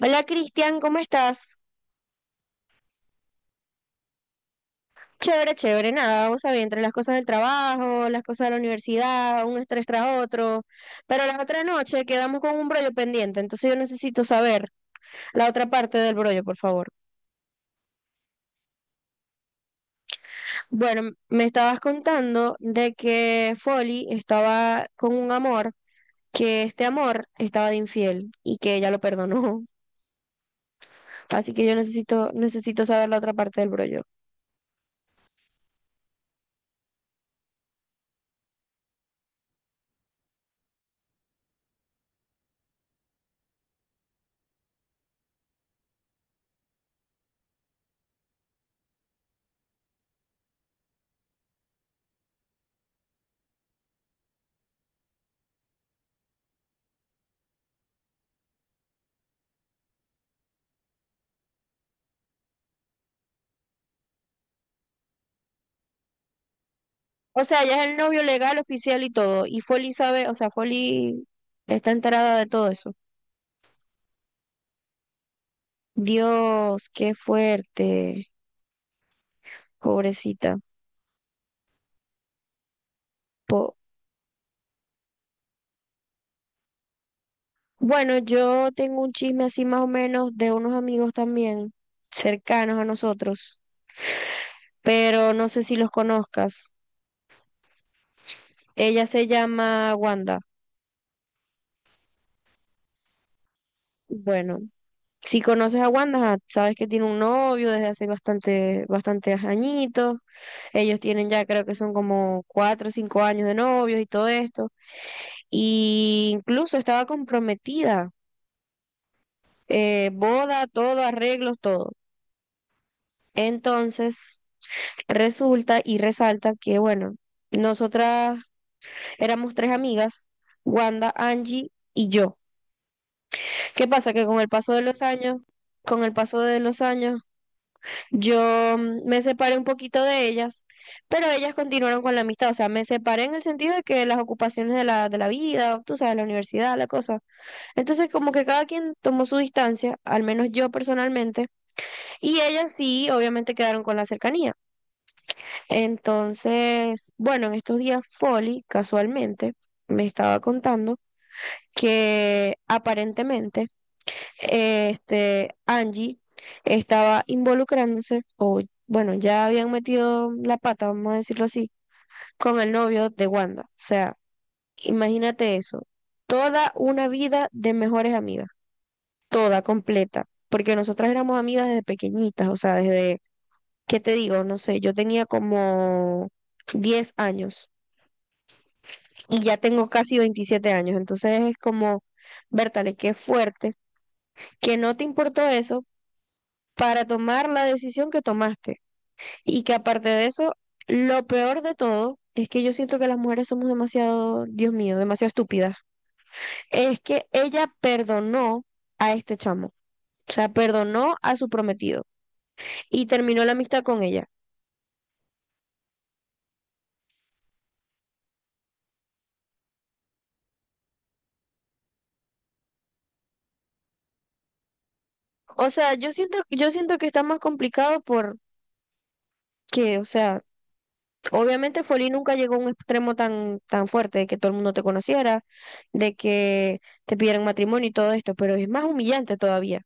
Hola Cristian, ¿cómo estás? Chévere, chévere, nada, vos sabés, entre las cosas del trabajo, las cosas de la universidad, un estrés tras otro, pero la otra noche quedamos con un brollo pendiente, entonces yo necesito saber la otra parte del brollo, por favor. Bueno, me estabas contando de que Folly estaba con un amor, que este amor estaba de infiel y que ella lo perdonó, así que yo necesito saber la otra parte del brollo. O sea, ya es el novio legal, oficial y todo. Y Foley sabe, o sea, Foley está enterada de todo eso. Dios, qué fuerte, pobrecita. Po- bueno, yo tengo un chisme así más o menos de unos amigos también, cercanos a nosotros, pero no sé si los conozcas. Ella se llama Wanda. Bueno, si conoces a Wanda, ajá, sabes que tiene un novio desde hace bastante, bastantes añitos. Ellos tienen ya, creo que son como 4 o 5 años de novios y todo esto. Y incluso estaba comprometida, boda, todo, arreglos, todo. Entonces, resulta y resalta que, bueno, nosotras éramos tres amigas, Wanda, Angie y yo. ¿Qué pasa? Que con el paso de los años, con el paso de los años, yo me separé un poquito de ellas, pero ellas continuaron con la amistad, o sea, me separé en el sentido de que las ocupaciones de la vida, tú sabes, la universidad, la cosa. Entonces, como que cada quien tomó su distancia, al menos yo personalmente, y ellas sí, obviamente quedaron con la cercanía. Entonces, bueno, en estos días Folly, casualmente, me estaba contando que aparentemente Angie estaba involucrándose, o bueno, ya habían metido la pata, vamos a decirlo así, con el novio de Wanda. O sea, imagínate eso. Toda una vida de mejores amigas, toda completa, porque nosotras éramos amigas desde pequeñitas, o sea, desde, ¿qué te digo? No sé, yo tenía como 10 años y ya tengo casi 27 años, entonces es como, Bertale, qué fuerte que no te importó eso para tomar la decisión que tomaste. Y que aparte de eso, lo peor de todo es que yo siento que las mujeres somos demasiado, Dios mío, demasiado estúpidas. Es que ella perdonó a este chamo. O sea, perdonó a su prometido y terminó la amistad con ella. O sea, yo siento que está más complicado porque, o sea, obviamente Folly nunca llegó a un extremo tan, tan fuerte de que todo el mundo te conociera, de que te pidieran matrimonio y todo esto, pero es más humillante todavía.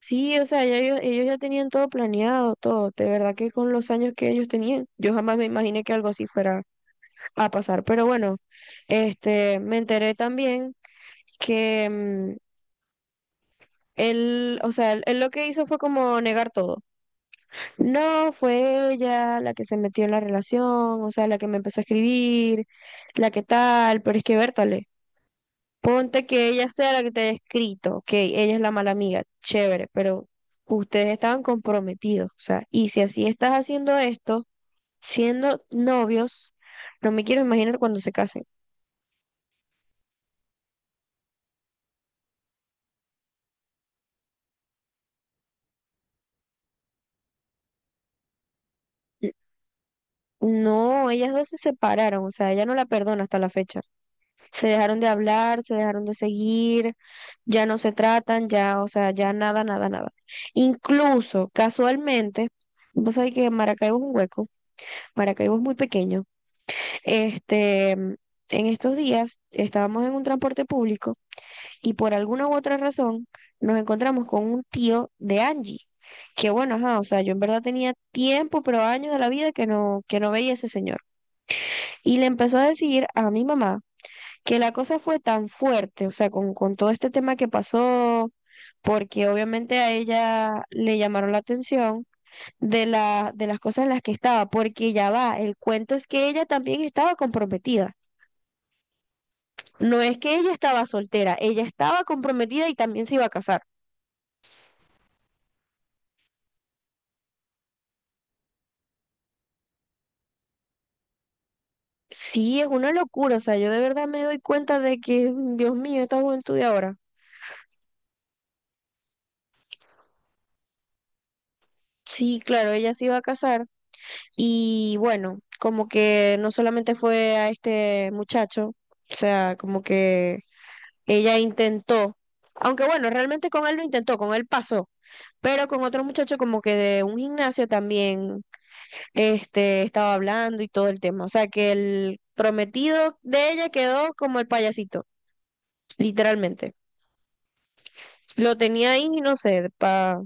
Sí, o sea, ya ellos ya tenían todo planeado, todo. De verdad que con los años que ellos tenían, yo jamás me imaginé que algo así fuera a pasar. Pero bueno, me enteré también que él, o sea, él lo que hizo fue como negar todo. No, fue ella la que se metió en la relación, o sea, la que me empezó a escribir, la que tal, pero es que Bertale. Ponte que ella sea la que te haya escrito, ok, ella es la mala amiga, chévere, pero ustedes estaban comprometidos, o sea, y si así estás haciendo esto, siendo novios, no me quiero imaginar cuando se casen. N- No, ellas dos se separaron, o sea, ella no la perdona hasta la fecha. Se dejaron de hablar, se dejaron de seguir, ya no se tratan, ya, o sea, ya nada, nada, nada. Incluso, casualmente, vos sabés que Maracaibo es un hueco, Maracaibo es muy pequeño. Este, mm, en estos días estábamos en un transporte público y por alguna u otra razón nos encontramos con un tío de Angie, que bueno, ajá, o sea, yo en verdad tenía tiempo, pero años de la vida que no veía a ese señor. Y le empezó a decir a mi mamá que la cosa fue tan fuerte, o sea, con todo este tema que pasó, porque obviamente a ella le llamaron la atención de las cosas en las que estaba, porque ya va, el cuento es que ella también estaba comprometida. No es que ella estaba soltera, ella estaba comprometida y también se iba a casar. Sí, es una locura, o sea, yo de verdad me doy cuenta de que, Dios mío, esta juventud de ahora. Sí, claro, ella se iba a casar y bueno, como que no solamente fue a este muchacho, o sea, como que ella intentó, aunque bueno, realmente con él lo intentó, con él pasó, pero con otro muchacho como que de un gimnasio también estaba hablando y todo el tema. O sea, que el prometido de ella quedó como el payasito, literalmente. Lo tenía ahí, no sé, para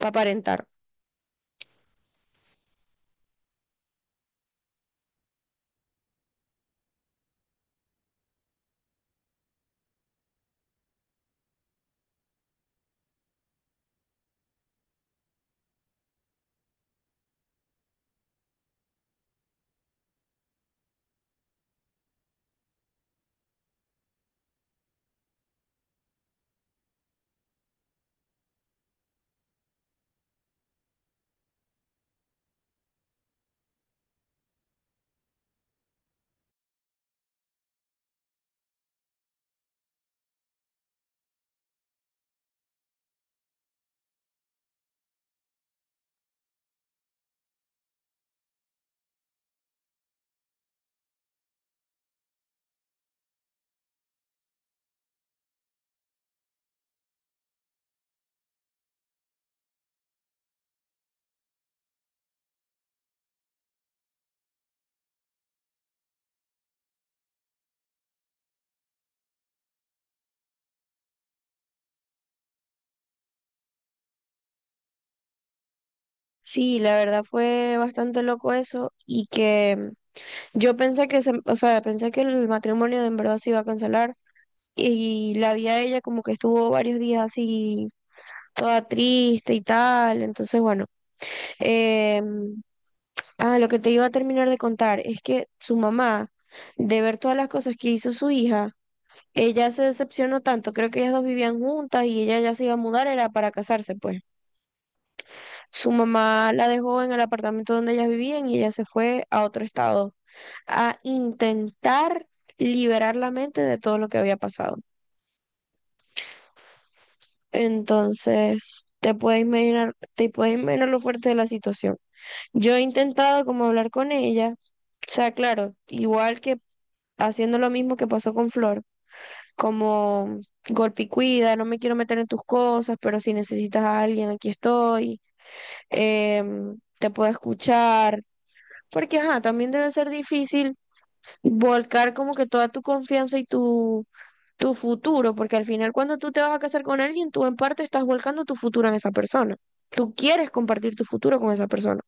aparentar. Sí, la verdad fue bastante loco eso y que yo pensé que se, o sea, pensé que el matrimonio en verdad se iba a cancelar y la vi a ella como que estuvo varios días así toda triste y tal, entonces bueno, eh, ah, lo que te iba a terminar de contar es que su mamá, de ver todas las cosas que hizo su hija, ella se decepcionó tanto. Creo que ellas dos vivían juntas y ella ya se iba a mudar, era para casarse, pues. Su mamá la dejó en el apartamento donde ellas vivían y ella se fue a otro estado a intentar liberar la mente de todo lo que había pasado. Entonces, te puedes imaginar lo fuerte de la situación. Yo he intentado como hablar con ella. O sea, claro, igual que haciendo lo mismo que pasó con Flor, como golpe y cuida, no me quiero meter en tus cosas, pero si necesitas a alguien, aquí estoy, te puedo escuchar, porque ajá, también debe ser difícil volcar como que toda tu confianza y tu futuro, porque al final cuando tú te vas a casar con alguien, tú en parte estás volcando tu futuro en esa persona. Tú quieres compartir tu futuro con esa persona.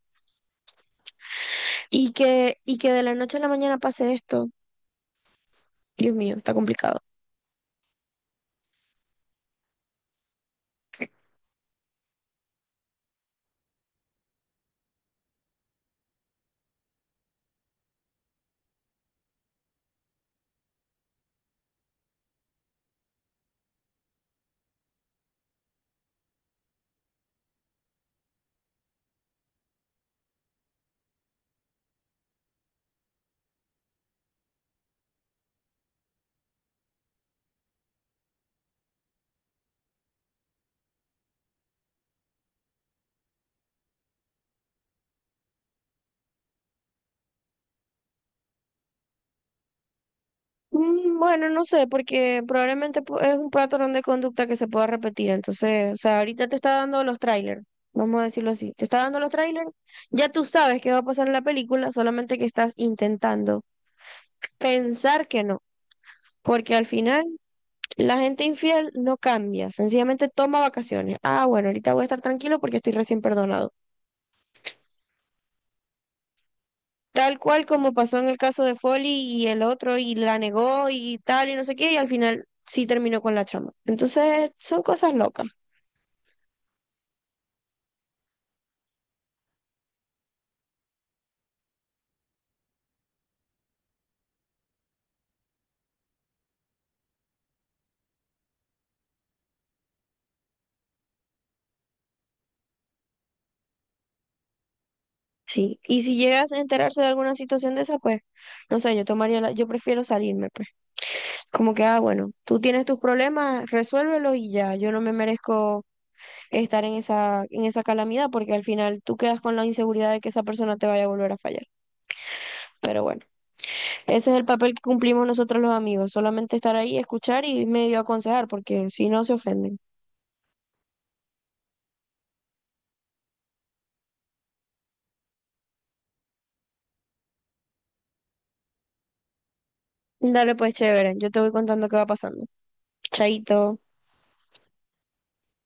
Y que de la noche a la mañana pase esto, Dios mío, está complicado. Bueno, no sé, porque probablemente es un patrón de conducta que se pueda repetir. Entonces, o sea, ahorita te está dando los trailers, vamos a decirlo así. Te está dando los trailers, ya tú sabes qué va a pasar en la película, solamente que estás intentando pensar que no. Porque al final la gente infiel no cambia, sencillamente toma vacaciones. Ah, bueno, ahorita voy a estar tranquilo porque estoy recién perdonado. Tal cual como pasó en el caso de Foley y el otro, y la negó y tal, y no sé qué, y al final sí terminó con la chama. Entonces, son cosas locas, sí. Y si llegas a enterarse de alguna situación de esa, pues, no sé, yo tomaría la, yo prefiero salirme, pues. Como que, ah, bueno, tú tienes tus problemas, resuélvelos y ya. Yo no me merezco estar en esa calamidad, porque al final tú quedas con la inseguridad de que esa persona te vaya a volver a fallar. Pero bueno. Ese es el papel que cumplimos nosotros los amigos, solamente estar ahí, escuchar y medio aconsejar, porque si no se ofenden. Dale pues, chévere, yo te voy contando qué va pasando. Chaito.